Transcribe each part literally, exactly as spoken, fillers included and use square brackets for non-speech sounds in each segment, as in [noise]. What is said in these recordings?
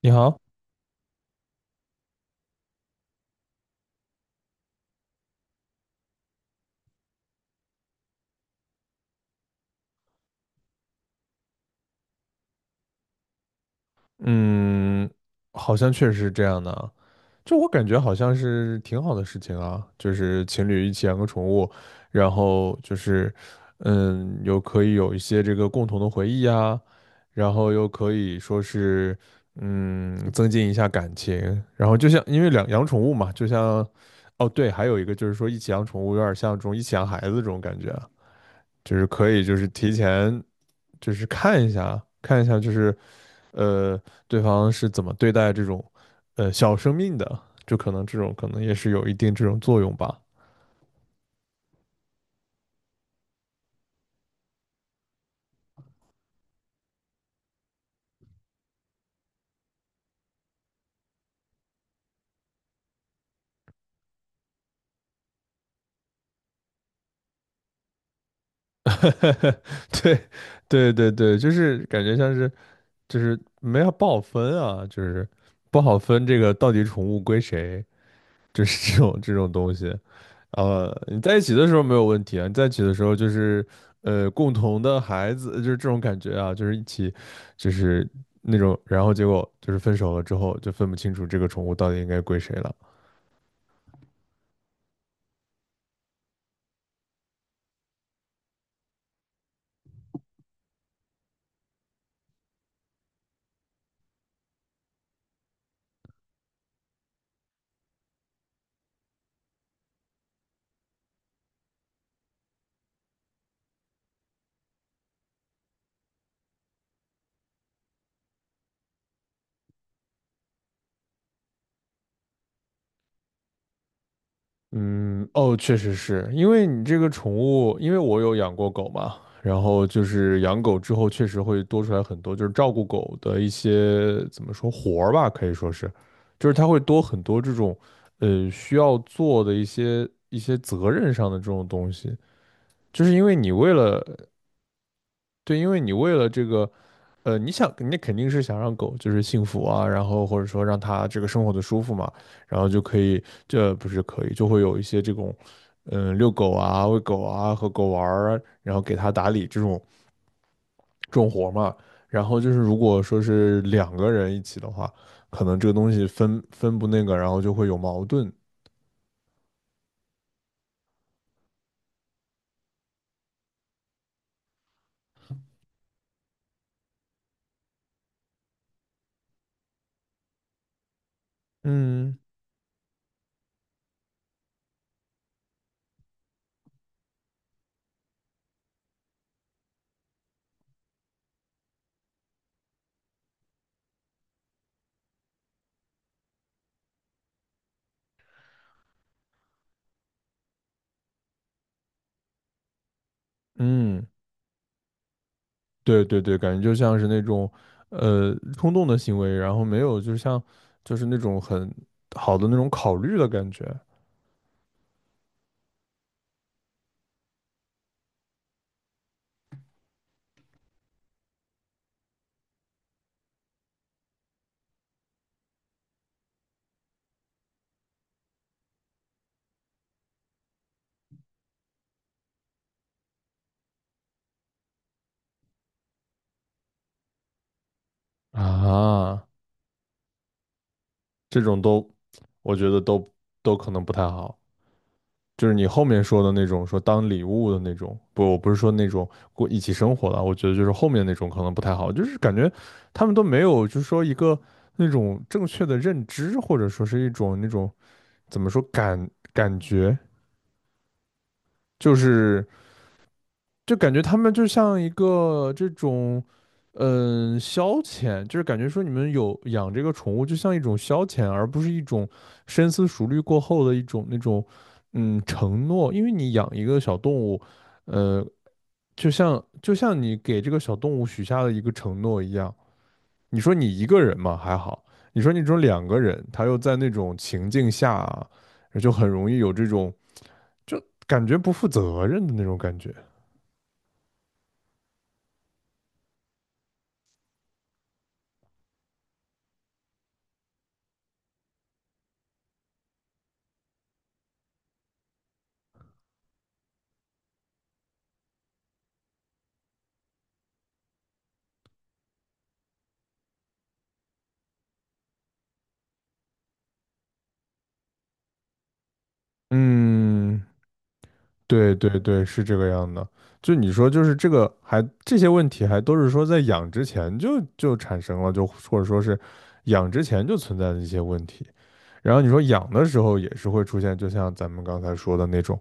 你好。嗯，好像确实是这样的啊。就我感觉好像是挺好的事情啊，就是情侣一起养个宠物，然后就是，嗯，又可以有一些这个共同的回忆呀，然后又可以说是，嗯，增进一下感情。然后就像因为两养宠物嘛，就像，哦对，还有一个就是说一起养宠物有点像这种一起养孩子这种感觉啊，就是可以就是提前就是看一下看一下就是。呃，对方是怎么对待这种呃小生命的，就可能这种可能也是有一定这种作用吧。[laughs] 对，对对对，就是感觉像是就是没有不好分啊，就是不好分这个到底宠物归谁，就是 [laughs] 这种这种东西。呃，你在一起的时候没有问题啊，你在一起的时候就是呃共同的孩子，就是这种感觉啊，就是一起就是那种，然后结果就是分手了之后就分不清楚这个宠物到底应该归谁了。嗯，哦，确实是因为你这个宠物，因为我有养过狗嘛，然后就是养狗之后，确实会多出来很多，就是照顾狗的一些怎么说活儿吧，可以说是，就是它会多很多这种，呃，需要做的一些一些责任上的这种东西。就是因为你为了对，因为你为了这个，呃，你想，你肯定是想让狗就是幸福啊，然后或者说让它这个生活的舒服嘛，然后就可以，这不是可以，就会有一些这种，嗯，遛狗啊、喂狗啊、和狗玩儿，然后给它打理这种重活儿嘛。然后就是如果说是两个人一起的话，可能这个东西分分不那个，然后就会有矛盾。嗯嗯。对对对，感觉就像是那种，呃，冲动的行为，然后没有，就像就是那种很好的那种考虑的感觉啊。这种都，我觉得都都可能不太好。就是你后面说的那种，说当礼物的那种，不，我不是说那种过一起生活的，我觉得就是后面那种可能不太好，就是感觉他们都没有，就是说一个那种正确的认知，或者说是一种那种怎么说感感觉，就是。就感觉他们就像一个这种，嗯，消遣，就是感觉说你们有养这个宠物，就像一种消遣，而不是一种深思熟虑过后的一种那种，嗯，承诺。因为你养一个小动物，呃，就像就像你给这个小动物许下的一个承诺一样。你说你一个人嘛还好，你说你这种两个人，他又在那种情境下啊，就很容易有这种就感觉不负责任的那种感觉。嗯。对对对，是这个样的。就你说，就是这个还这些问题还都是说在养之前就就产生了，就或者说是养之前就存在的一些问题。然后你说养的时候也是会出现，就像咱们刚才说的那种，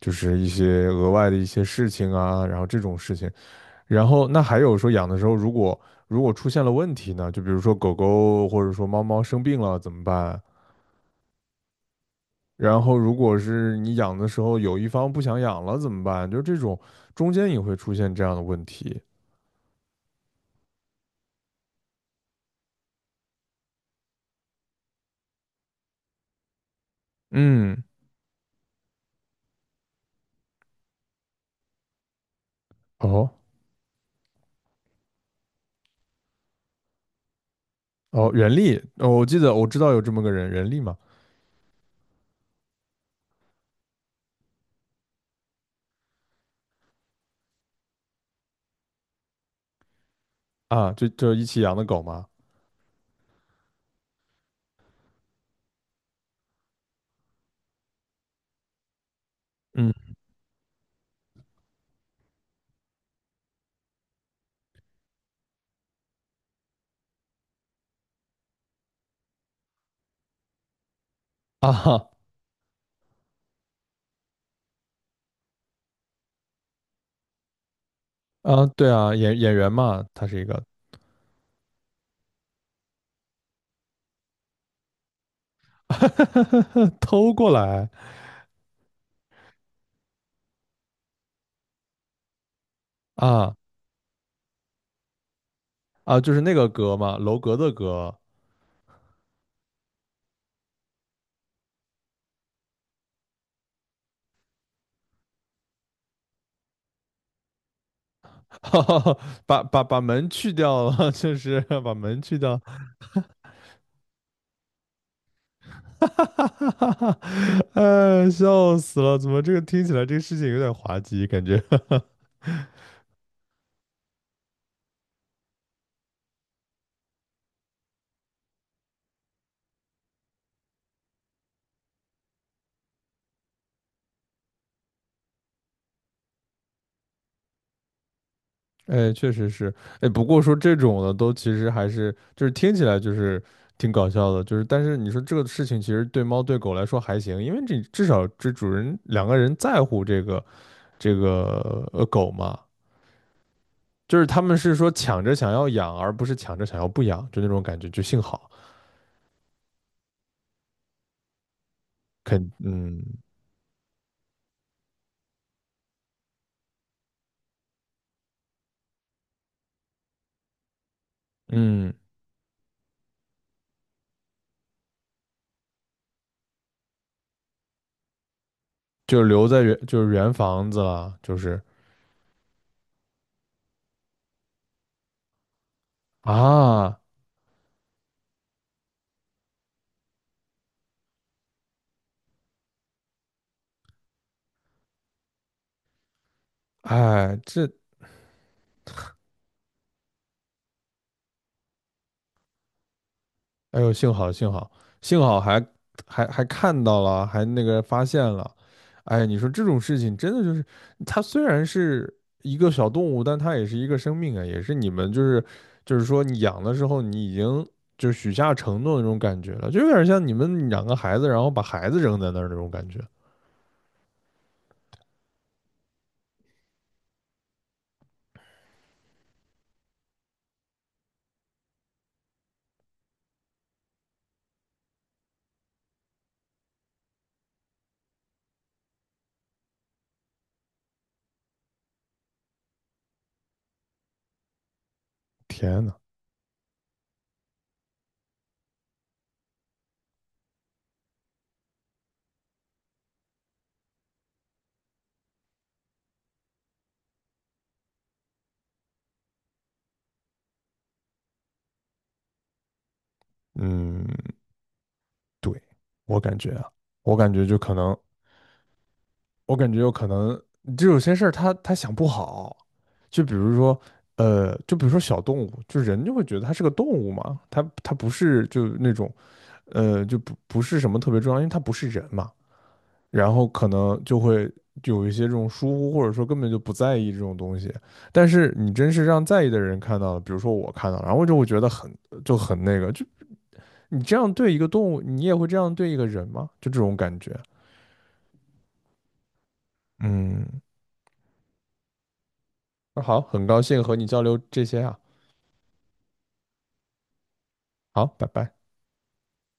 就是一些额外的一些事情啊，然后这种事情。然后那还有说养的时候，如果如果出现了问题呢，就比如说狗狗或者说猫猫生病了怎么办？然后，如果是你养的时候有一方不想养了怎么办？就是这种中间也会出现这样的问题。嗯，哦哦，人力。哦，我记得我知道有这么个人，人力嘛。啊，就就一起养的狗嘛。嗯，啊哈。啊，对啊，演演员嘛，他是一个 [laughs] 偷过来。啊啊，就是那个格嘛，楼阁的阁。[laughs] 把把把门去掉了，[laughs] 就是把门去掉。[laughs] 哈，哎，笑死了！怎么这个听起来这个事情有点滑稽，感觉。[laughs] 哎，确实是。哎，不过说这种的都其实还是就是听起来就是挺搞笑的，就是但是你说这个事情其实对猫对狗来说还行，因为这至少这主人两个人在乎这个这个呃狗嘛。就是他们是说抢着想要养，而不是抢着想要不养，就那种感觉，就幸好肯嗯嗯。就留在原就是原房子了，就是。啊，哎，这，哎呦，幸好幸好幸好还还还看到了，还那个发现了。哎，你说这种事情真的就是，它虽然是一个小动物，但它也是一个生命啊，也是你们就是就是说你养的时候，你已经就是许下承诺的那种感觉了，就有点像你们养个孩子，然后把孩子扔在那儿那种感觉。天呐。嗯，对，我感觉啊，我感觉就可能，我感觉有可能，就有些事儿他他想不好。就比如说，呃，就比如说小动物，就人就会觉得它是个动物嘛，它它不是就那种，呃，就不不是什么特别重要，因为它不是人嘛，然后可能就会有一些这种疏忽，或者说根本就不在意这种东西。但是你真是让在意的人看到了，比如说我看到了，然后就会觉得很就很那个，就你这样对一个动物，你也会这样对一个人吗？就这种感觉。嗯，那好，很高兴和你交流这些啊。好，拜拜。